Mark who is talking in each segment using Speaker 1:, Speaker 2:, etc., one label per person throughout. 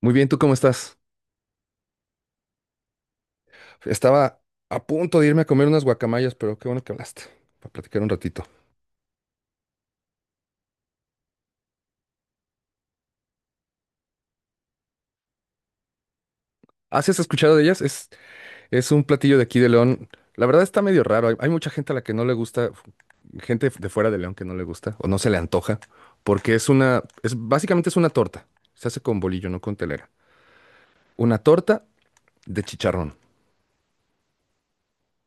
Speaker 1: Muy bien, ¿tú cómo estás? Estaba a punto de irme a comer unas guacamayas, pero qué bueno que hablaste, para platicar un ratito. ¿Has escuchado de ellas? Es un platillo de aquí de León. La verdad está medio raro. Hay mucha gente a la que no le gusta, gente de fuera de León que no le gusta o no se le antoja, porque básicamente es una torta. Se hace con bolillo, no con telera. Una torta de chicharrón,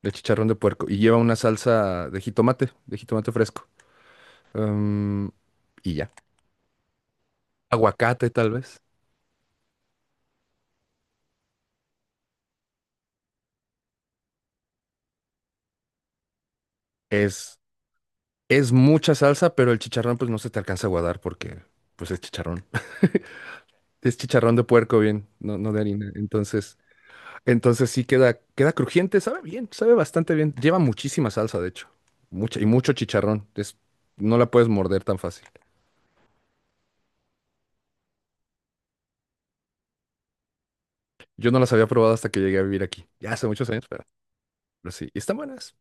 Speaker 1: de chicharrón de puerco, y lleva una salsa de jitomate fresco. Em, y ya. Aguacate, tal vez. Es Es mucha salsa, pero el chicharrón pues no se te alcanza a guardar porque pues es chicharrón. Es chicharrón de puerco bien, no de harina. Entonces, entonces sí queda crujiente, sabe bien, sabe bastante bien. Lleva muchísima salsa, de hecho. Mucha y mucho chicharrón. No la puedes morder tan fácil. Yo no las había probado hasta que llegué a vivir aquí. Ya hace muchos años, pero sí. Y están buenas.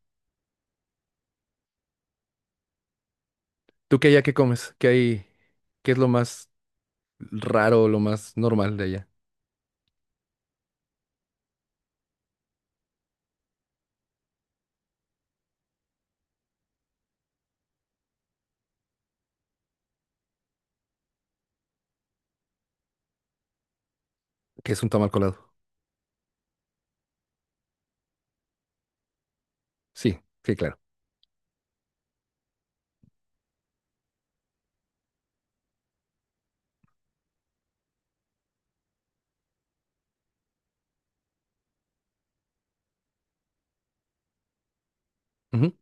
Speaker 1: ¿Tú qué allá qué comes? ¿Qué hay? ¿Qué es lo más raro, lo más normal de allá? ¿Qué es un tamal colado? Sí, sí, claro. Ujú,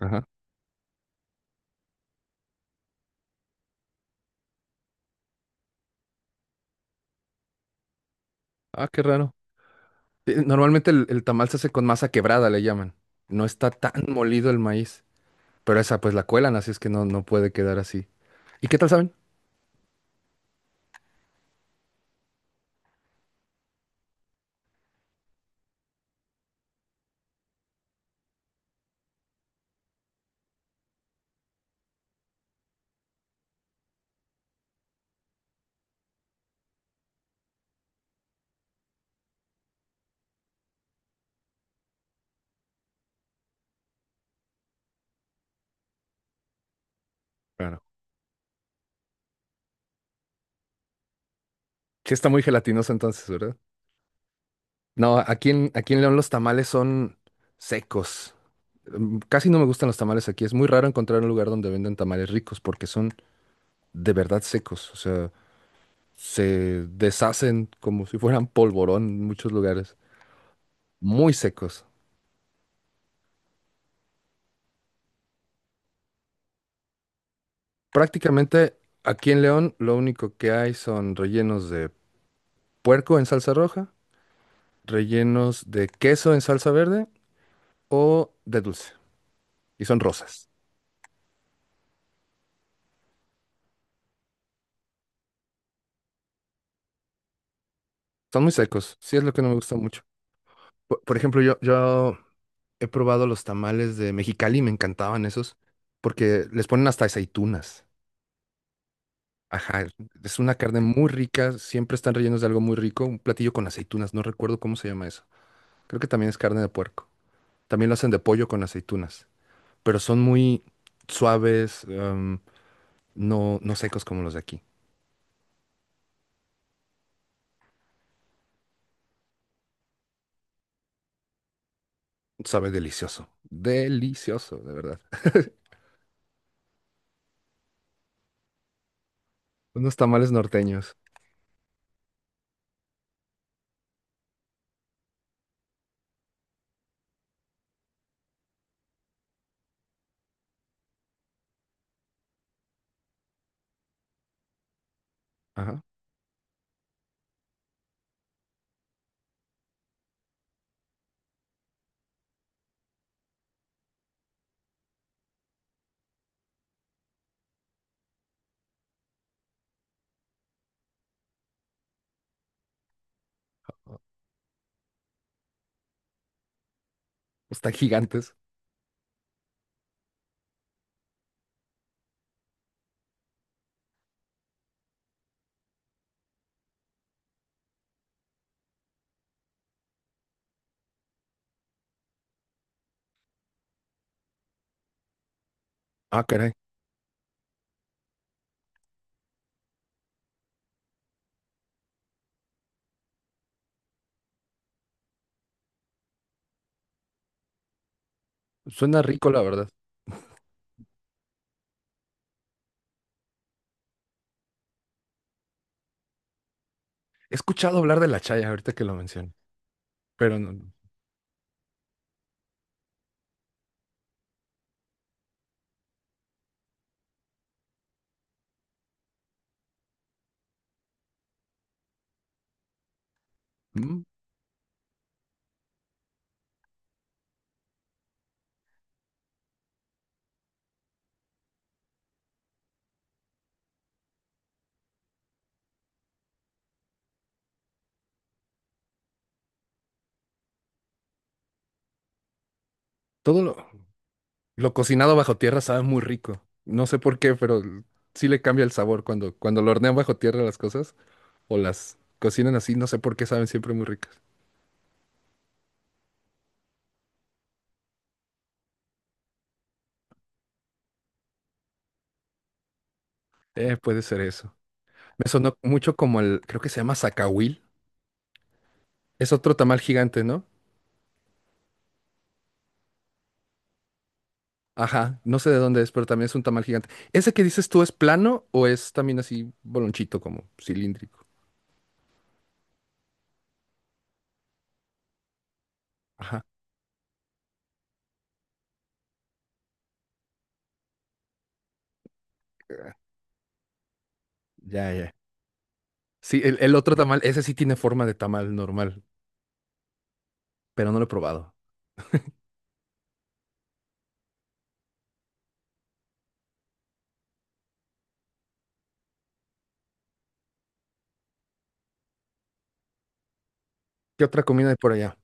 Speaker 1: ajá. Ah, qué raro. Sí, normalmente el tamal se hace con masa quebrada, le llaman. No está tan molido el maíz, pero esa pues la cuelan, así es que no, no puede quedar así. ¿Y qué tal saben? Claro. Sí está muy gelatinoso entonces, ¿verdad? No, aquí en León los tamales son secos. Mm, casi no me gustan los tamales aquí. Es muy raro encontrar un lugar donde venden tamales ricos porque son de verdad secos. O sea, se deshacen como si fueran polvorón en muchos lugares. Muy secos. Prácticamente aquí en León lo único que hay son rellenos de puerco en salsa roja, rellenos de queso en salsa verde o de dulce. Y son rosas. Son muy secos. Sí es lo que no me gusta mucho. Por ejemplo, yo he probado los tamales de Mexicali, me encantaban esos, porque les ponen hasta aceitunas. Ajá, es una carne muy rica, siempre están rellenos de algo muy rico, un platillo con aceitunas, no recuerdo cómo se llama eso. Creo que también es carne de puerco. También lo hacen de pollo con aceitunas, pero son muy suaves, no, no secos como los de aquí. Sabe delicioso. Delicioso, de verdad. Unos tamales norteños. Ajá. Están gigantes. Ah, caray. Suena rico, la verdad. He escuchado hablar de la chaya ahorita que lo menciono, pero no. No. Mm, todo lo cocinado bajo tierra sabe muy rico. No sé por qué, pero sí le cambia el sabor cuando, cuando lo hornean bajo tierra las cosas o las cocinan así. No sé por qué saben siempre muy ricas. Puede ser eso. Me sonó mucho como el, creo que se llama zacahuil. Es otro tamal gigante, ¿no? Ajá, no sé de dónde es, pero también es un tamal gigante. ¿Ese que dices tú es plano o es también así bolonchito, como cilíndrico? Ajá. Ya, ya. Sí, el otro tamal, ese sí tiene forma de tamal normal, pero no lo he probado. ¿Qué otra comida hay por allá?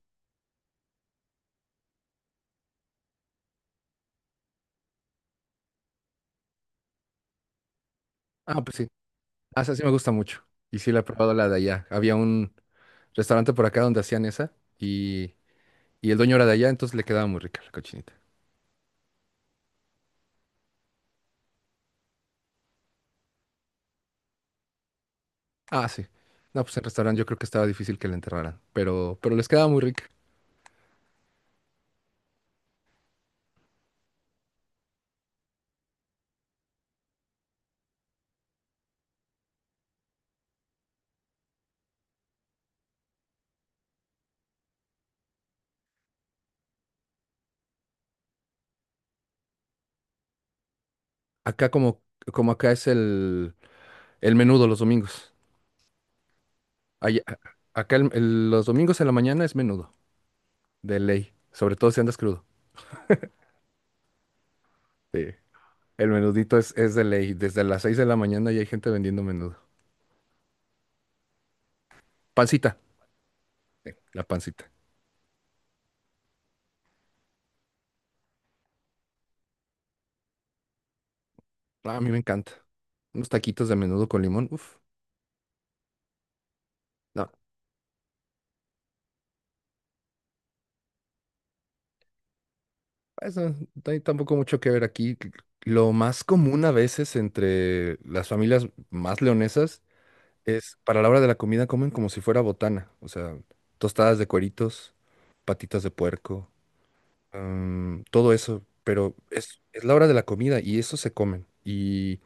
Speaker 1: Ah, pues sí. Ah, esa sí me gusta mucho. Y sí la he probado la de allá. Había un restaurante por acá donde hacían esa y el dueño era de allá, entonces le quedaba muy rica la cochinita. Ah, sí. No, pues el restaurante yo creo que estaba difícil que la enterraran, pero les quedaba muy rica. Acá como, como acá es el... El menudo los domingos. Allá- acá los domingos en la mañana es menudo, de ley. Sobre todo si andas crudo. Sí. El menudito es de ley. Desde las 6 de la mañana ya hay gente vendiendo menudo. Pancita. Sí, la pancita. Ah, a mí me encanta. Unos taquitos de menudo con limón. Uf. No, eso no hay tampoco mucho que ver aquí. Lo más común a veces entre las familias más leonesas es para la hora de la comida comen como si fuera botana. O sea, tostadas de cueritos, patitas de puerco, mm, todo eso, pero es la hora de la comida y eso se comen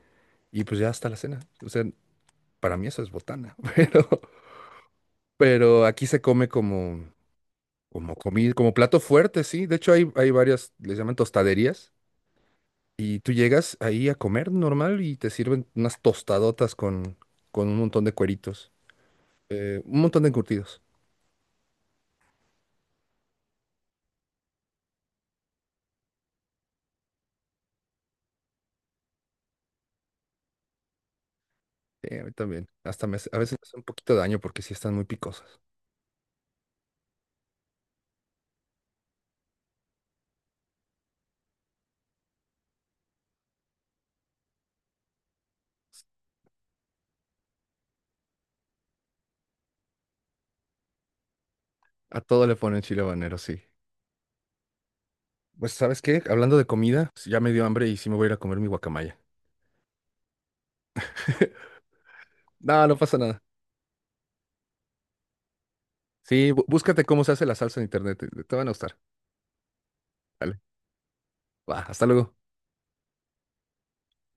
Speaker 1: y pues ya hasta la cena. O sea, para mí eso es botana, pero aquí se come como, como comida, como plato fuerte, sí. De hecho hay varias, les llaman tostaderías y tú llegas ahí a comer normal y te sirven unas tostadotas con un montón de cueritos, un montón de encurtidos. Sí, a mí también. A veces me hace un poquito de daño porque sí están muy picosas. A todo le ponen chile habanero, sí. Pues, ¿sabes qué? Hablando de comida, pues, ya me dio hambre y sí me voy a ir a comer mi guacamaya. No, no pasa nada. Sí, búscate cómo se hace la salsa en internet. Te van a gustar. Vale. Va, hasta luego.